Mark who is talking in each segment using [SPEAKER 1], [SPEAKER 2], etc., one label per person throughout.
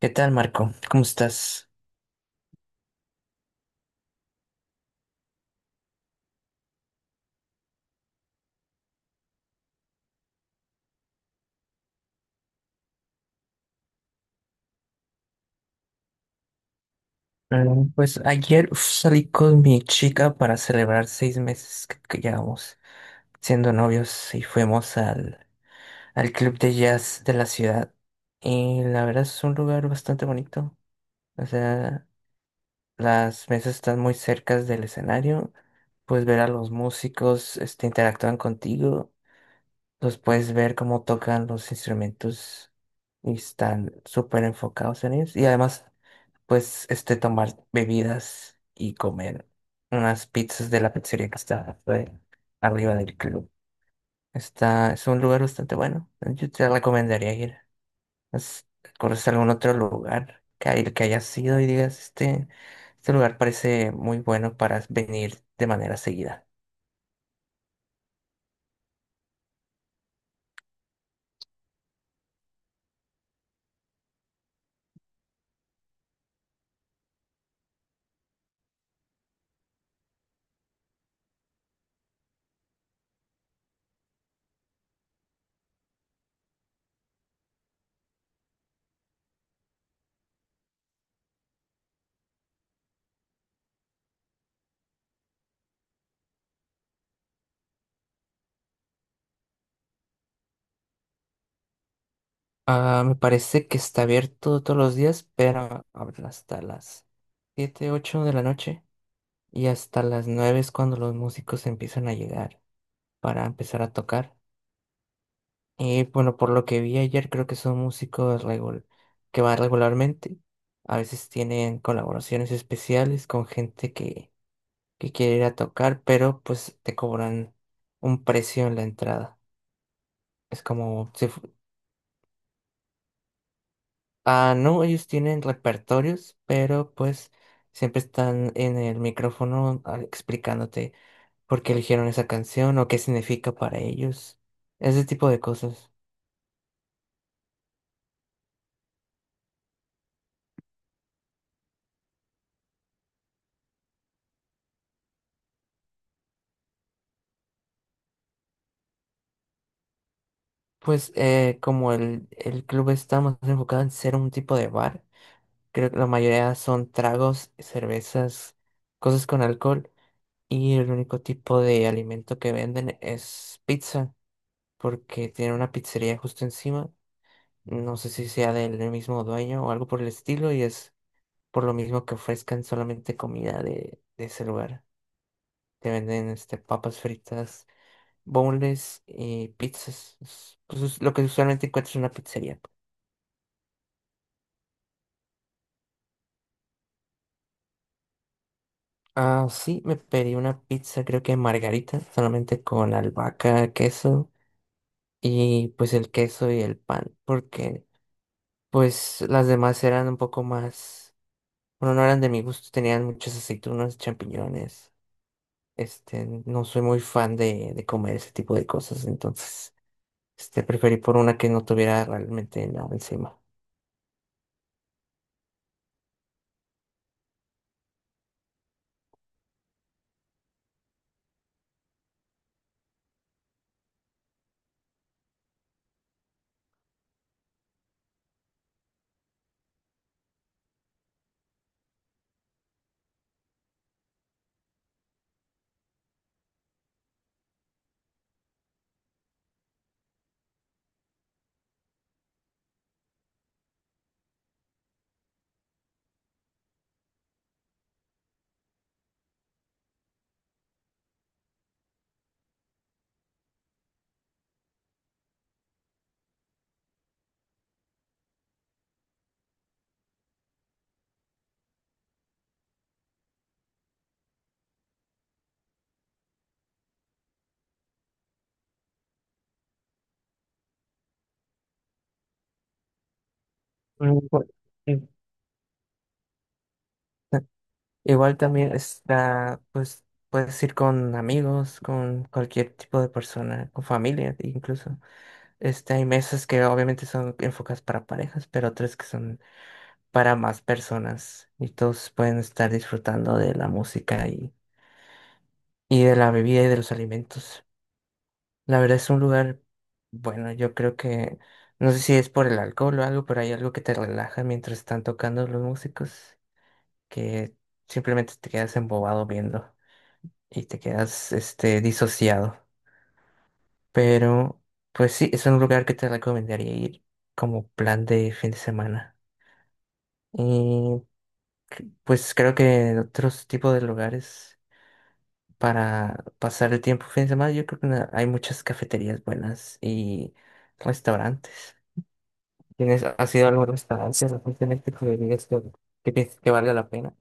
[SPEAKER 1] ¿Qué tal, Marco? ¿Cómo estás? Pues ayer, uf, salí con mi chica para celebrar 6 meses que llevamos siendo novios y fuimos al al club de jazz de la ciudad. Y la verdad es un lugar bastante bonito. O sea, las mesas están muy cerca del escenario. Puedes ver a los músicos, este, interactúan contigo. Los puedes ver cómo tocan los instrumentos y están súper enfocados en ellos. Y además, pues, este, tomar bebidas y comer unas pizzas de la pizzería que está arriba del club. Está, es un lugar bastante bueno. Yo te recomendaría ir. ¿Has- ¿Conoces algún otro lugar que hayas ido y digas, este lugar parece muy bueno para venir de manera seguida? Ah, me parece que está abierto todos los días, pero abren hasta las 7 8 de la noche, y hasta las 9 es cuando los músicos empiezan a llegar para empezar a tocar. Y bueno, por lo que vi ayer, creo que son que van regularmente. A veces tienen colaboraciones especiales con gente que quiere ir a tocar, pero pues te cobran un precio en la entrada. Es como si fu- Ah, no, ellos tienen repertorios, pero pues siempre están en el micrófono, explicándote por qué eligieron esa canción o qué significa para ellos. Ese tipo de cosas. Pues, como el club está más enfocado en ser un tipo de bar, creo que la mayoría son tragos, cervezas, cosas con alcohol. Y el único tipo de alimento que venden es pizza, porque tiene una pizzería justo encima. No sé si sea del mismo dueño o algo por el estilo, y es por lo mismo que ofrezcan solamente comida de ese lugar. Te venden, este, papas fritas, boneless y pizzas. Pues es lo que usualmente encuentras en una pizzería. Ah, sí, me pedí una pizza, creo que margarita, solamente con albahaca, queso y pues el queso y el pan, porque pues las demás eran un poco más, bueno, no eran de mi gusto, tenían muchas aceitunas, champiñones. Este, no soy muy fan de comer ese tipo de cosas, entonces, este, preferí por una que no tuviera realmente nada encima. Mm, por- eh, ta- Igual también está, pues, puedes ir con amigos, con cualquier tipo de persona, con familia incluso. Este, hay mesas que obviamente son enfocadas para parejas, pero otras que son para más personas y todos pueden estar disfrutando de la música, y de la bebida y de los alimentos. La verdad es un lugar, bueno, yo creo que, no sé si es por el alcohol o algo, pero hay algo que te relaja mientras están tocando los músicos, que simplemente te quedas embobado viendo y te quedas, este, disociado. Pero, pues sí, es un lugar que te recomendaría ir como plan de fin de semana. Y pues creo que otros tipos de lugares para pasar el tiempo fin de semana. Yo creo que hay muchas cafeterías buenas y restaurantes. ¿Tienes, has ido a algún restaurante recientemente que digas que piensas que valga la pena?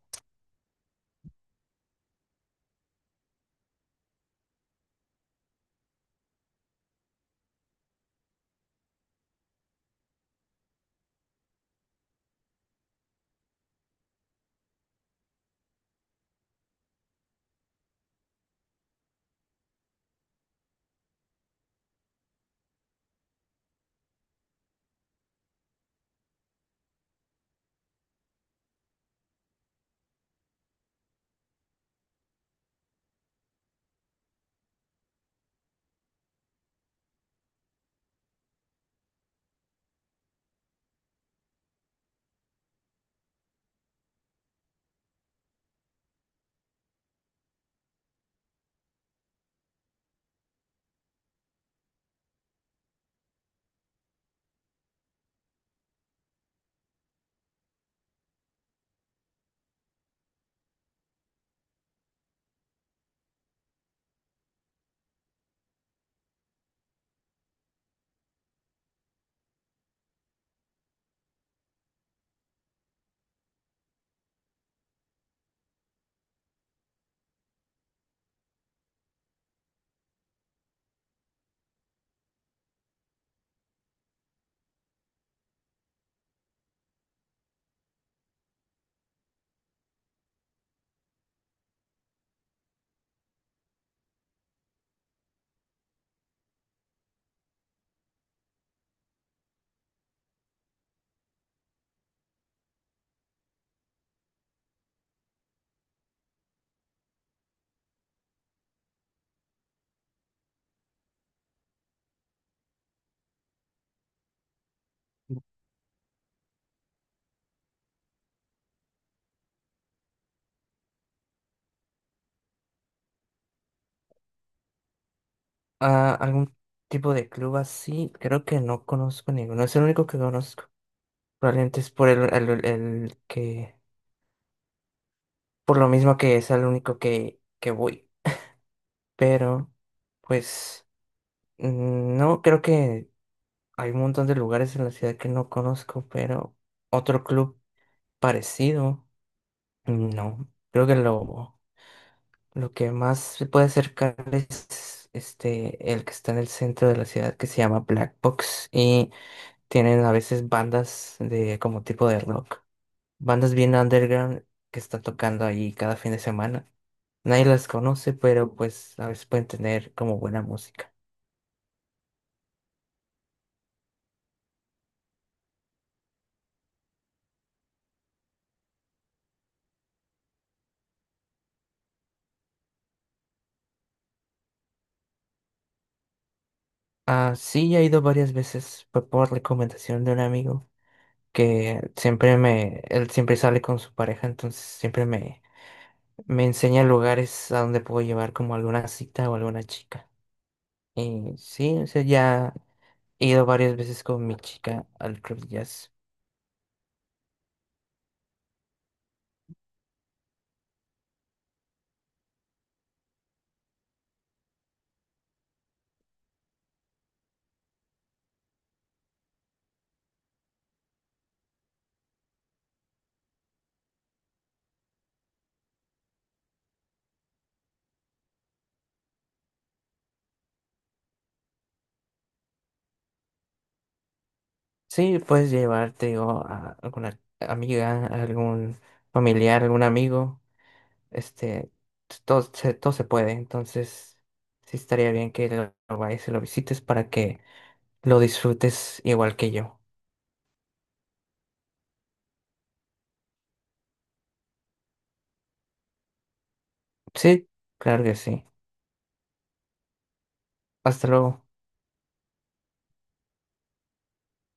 [SPEAKER 1] Ah, ¿algún tipo de club así? Creo que no conozco ninguno. Es el único que conozco. Probablemente es por el que... Por lo mismo que es el único que voy. Pero, pues, mm, no, creo que hay un montón de lugares en la ciudad que no conozco, pero otro club. Parecido, no. Creo que lo que más se puede acercar es este, el que está en el centro de la ciudad que se llama Black Box, y tienen a veces bandas de como tipo de rock. Bandas bien underground que están tocando ahí cada fin de semana. Nadie las conoce, pero pues a veces pueden tener como buena música. Ah, sí, he ido varias veces, fue por recomendación de un amigo que él siempre sale con su pareja, entonces siempre me enseña lugares a donde puedo llevar como alguna cita o alguna chica. Y sí, o sea, ya he ido varias veces con mi chica al club de jazz. Sí, puedes llevarte o a alguna amiga, a algún familiar, algún amigo. Este, todo se puede. Entonces, sí estaría bien que lo vayas y lo visites para que lo disfrutes igual que yo. Sí, claro que sí. Hasta luego.